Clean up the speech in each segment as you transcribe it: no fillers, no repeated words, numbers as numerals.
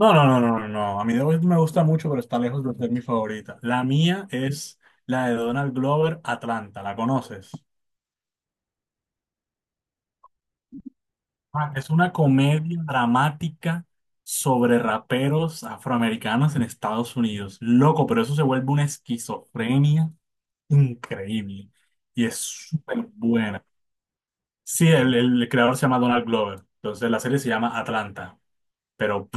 No, no, no, no, no, no. A mí The Voice me gusta mucho, pero está lejos de ser mi favorita. La mía es la de Donald Glover, Atlanta. ¿La conoces? Ah, es una comedia dramática sobre raperos afroamericanos en Estados Unidos. Loco, pero eso se vuelve una esquizofrenia increíble. Y es súper buena. Sí, el creador se llama Donald Glover. Entonces la serie se llama Atlanta. Pero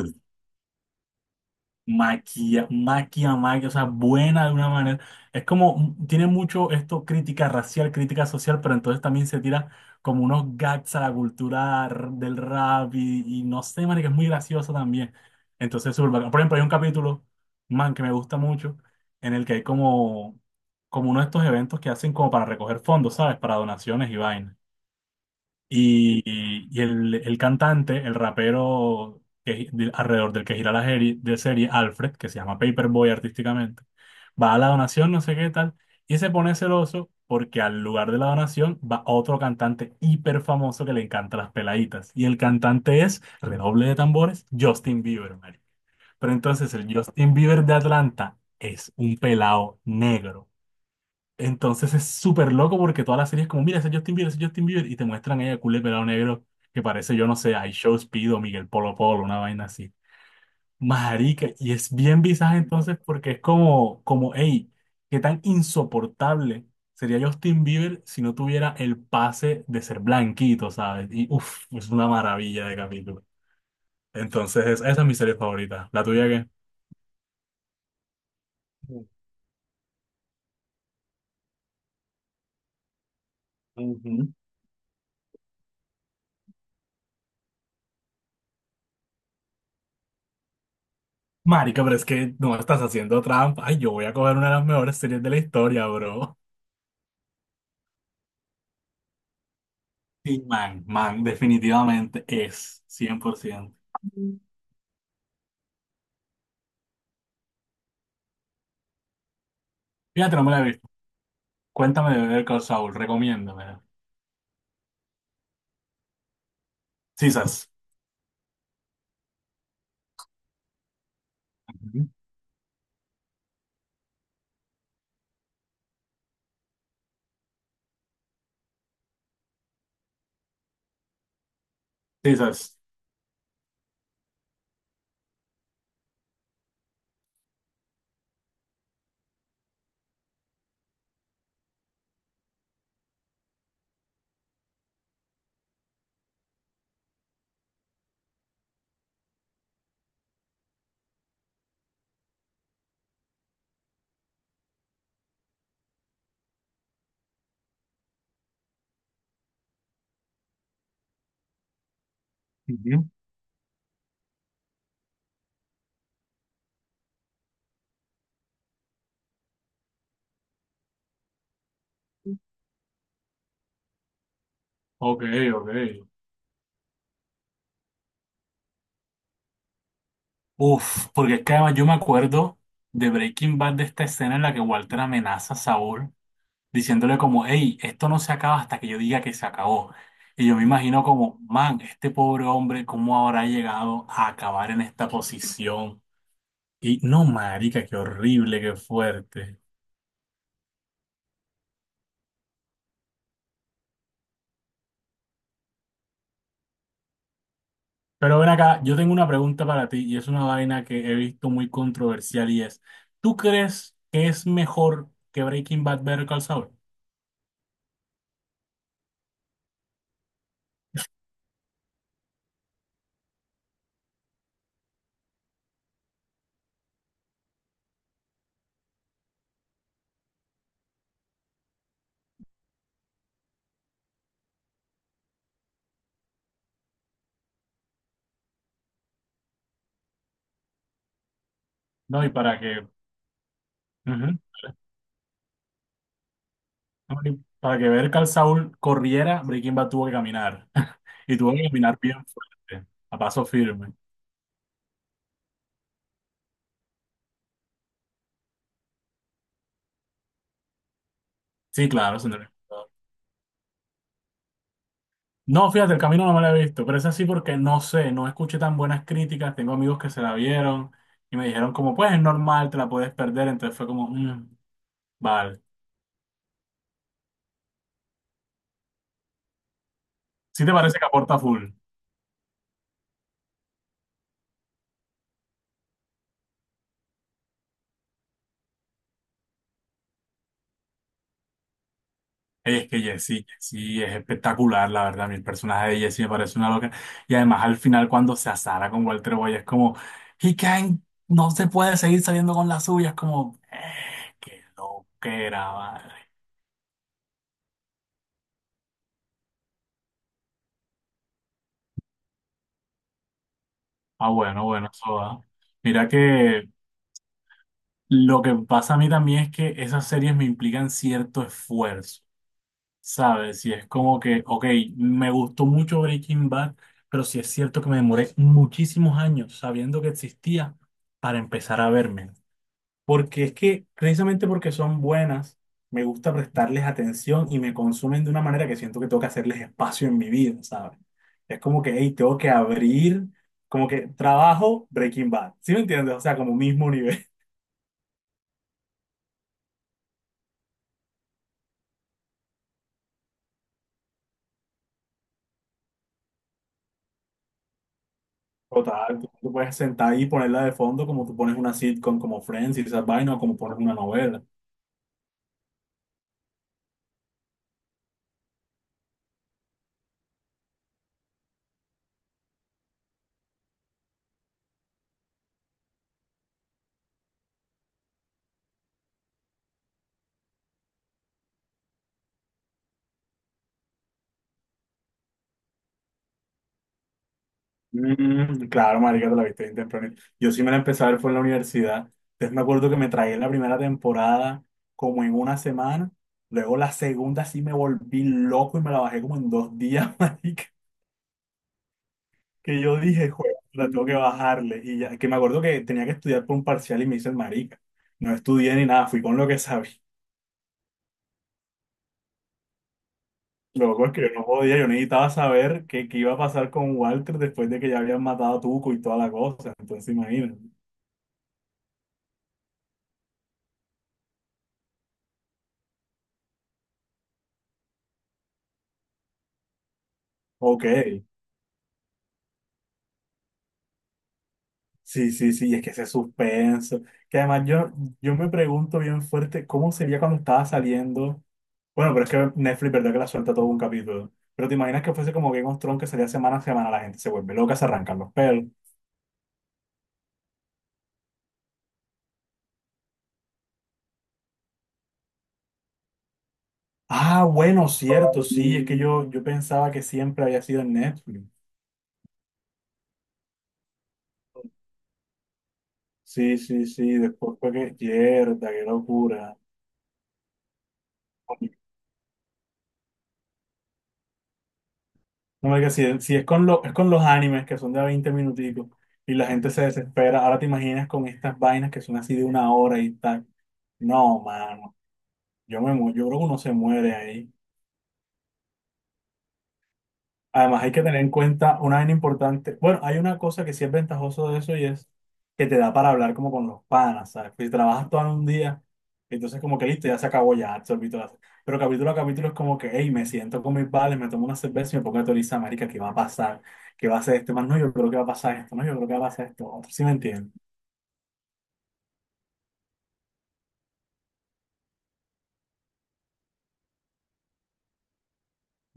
maquia, o sea, buena de una manera. Es como, tiene mucho esto, crítica racial, crítica social, pero entonces también se tira como unos gags a la cultura del rap y no sé, man, que es muy gracioso también. Entonces, súper bacán. Por ejemplo, hay un capítulo, man, que me gusta mucho, en el que hay como uno de estos eventos que hacen como para recoger fondos, ¿sabes? Para donaciones y vainas. Y, y el cantante, el rapero alrededor del que gira la serie, de serie, Alfred, que se llama Paperboy artísticamente, va a la donación, no sé qué tal, y se pone celoso porque al lugar de la donación va otro cantante hiper famoso que le encanta las peladitas. Y el cantante es, redoble de tambores, Justin Bieber, marico. Pero entonces el Justin Bieber de Atlanta es un pelado negro. Entonces es súper loco porque toda la serie es como, mira, ese es Justin Bieber, ese es Justin Bieber, y te muestran a ella culé pelado negro que parece, yo no sé, I Show Speed o Miguel Polo Polo, una vaina así. Marica, y es bien visaje entonces porque es como, hey, qué tan insoportable sería Justin Bieber si no tuviera el pase de ser blanquito, ¿sabes? Y uff, es una maravilla de capítulo. Entonces, esa es mi serie favorita. ¿La tuya qué? Ujú. Marica, pero es que no estás haciendo trampa. Ay, yo voy a coger una de las mejores series de la historia, bro. Sí, man, definitivamente es, 100%. Fíjate, no me la he visto. Cuéntame de Better Call Saul, recomiéndame. Sisas. Ujú. Sisas. Ujú. Ok, ok. Uf, porque es que además yo me acuerdo de Breaking Bad de esta escena en la que Walter amenaza a Saúl diciéndole como, hey, esto no se acaba hasta que yo diga que se acabó. Y yo me imagino como, man, este pobre hombre, ¿cómo habrá llegado a acabar en esta posición? Y no, marica, qué horrible, qué fuerte. Pero ven acá, yo tengo una pregunta para ti y es una vaina que he visto muy controversial y es, ¿tú crees que es mejor que Breaking Bad ver Call Saul? No, y para que, ujú, no, y para que ver Call Saul corriera, Breaking Bad tuvo que caminar y tuvo que caminar bien fuerte, a paso firme. Sí, claro, es un recomendador. No, fíjate, el camino no me lo he visto, pero es así porque no sé, no escuché tan buenas críticas. Tengo amigos que se la vieron y me dijeron como, pues es normal, te la puedes perder. Entonces fue como, "Mm, vale". ¿Sí te parece que aporta full? Ey, es que Jessie es espectacular, la verdad. Mi personaje de Jessie me parece una loca. Y además al final cuando se asara con Walter Boy es como, he can't, no se puede seguir saliendo con las suyas, como, qué loquera, madre. Ah, bueno, bueno, eso va. Mira que Lo que pasa a mí también es que esas series me implican cierto esfuerzo, ¿sabes? Y es como que, ok, me gustó mucho Breaking Bad, pero sí es cierto que me demoré muchísimos años sabiendo que existía para empezar a verme. Porque es que, precisamente porque son buenas, me gusta prestarles atención y me consumen de una manera que siento que tengo que hacerles espacio en mi vida, ¿sabes? Es como que, hey, tengo que abrir, como que trabajo Breaking Bad, ¿sí me entiendes? O sea, como mismo. Total, tú puedes sentar ahí y ponerla de fondo como tú pones una sitcom como Friends y esas vainas o como pones una novela. Mm, claro, marica, te la viste bien temprano. Yo sí me la empecé a ver fue en la universidad. Entonces me acuerdo que me tragué la primera temporada como en una semana. Luego la segunda sí me volví loco y me la bajé como en dos días, marica. Que yo dije, joder, la tengo que bajarle. Y ya, que me acuerdo que tenía que estudiar por un parcial y me hice el marica. No estudié ni nada, fui con lo que sabía. Loco, es que yo no podía, yo necesitaba saber qué iba a pasar con Walter después de que ya habían matado a Tuco y toda la cosa. Entonces, imagínate. Ok, sí, sí, sí, es que ese suspenso. Que yo me pregunto bien fuerte cómo sería cuando estaba saliendo. Bueno, pero es que Netflix, ¿verdad? Que la suelta todo un capítulo. Pero te imaginas que fuese como Game of Thrones que salía semana a semana, la gente se vuelve loca, se arrancan los pelos. Ah, bueno, cierto, sí, es que yo pensaba que siempre había sido en Netflix. Sí, sí, sí, después fue que, mierda, qué locura. No me digas, si es con lo, es con los animes que son de a 20 minuticos y la gente se desespera, ahora te imaginas con estas vainas que son así de una hora y tal. No, mano, yo creo que uno se muere ahí. Además, hay que tener en cuenta una vaina importante. Bueno, hay una cosa que sí es ventajoso de eso y es que te da para hablar como con los panas, ¿sabes? Pues si trabajas todo en un día, entonces como que listo, ya se acabó, ya absorbí todas. Pero capítulo a capítulo es como que, hey, me siento con mis vales, me tomo una cerveza y me pongo a teorizar, marica, ¿qué va a pasar? ¿Qué va a hacer este más? No, yo creo que va a pasar esto, no, yo creo que va a pasar esto. Otro, ¿sí me entiendes?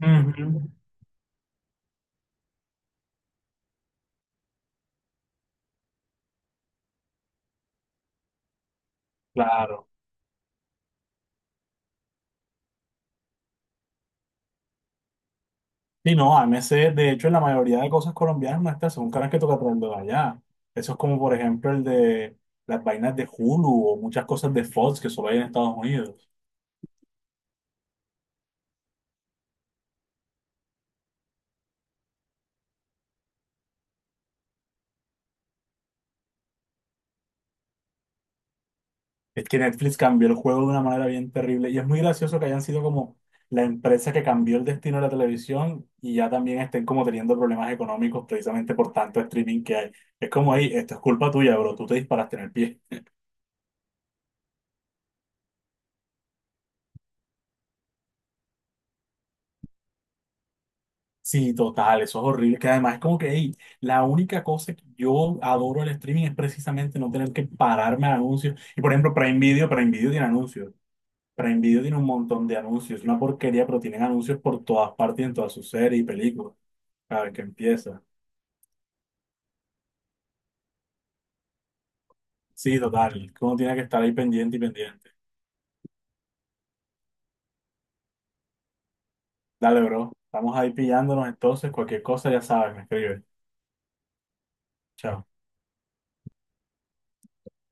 Ujú. Claro. Sí, no, AMC, de hecho, en la mayoría de cosas colombianas nuestras son caras que toca traerlo de allá. Eso es como, por ejemplo, el de las vainas de Hulu o muchas cosas de Fox que solo hay en Estados Unidos. Es que Netflix cambió el juego de una manera bien terrible y es muy gracioso que hayan sido como la empresa que cambió el destino de la televisión y ya también estén como teniendo problemas económicos precisamente por tanto streaming que hay. Es como, ahí, esto es culpa tuya, bro, tú te disparaste en el pie. Sí, total, eso es horrible. Que además es como que, hey, la única cosa que yo adoro el streaming es precisamente no tener que pararme a anuncios. Y por ejemplo, Prime Video tiene anuncios. Prime Video tiene un montón de anuncios. Es una porquería, pero tienen anuncios por todas partes en todas sus series y películas. Cada vez que empieza. Sí, total. Uno tiene que estar ahí pendiente y pendiente. Dale, bro. Estamos ahí pillándonos entonces. Cualquier cosa ya sabes, me escribes. Chao.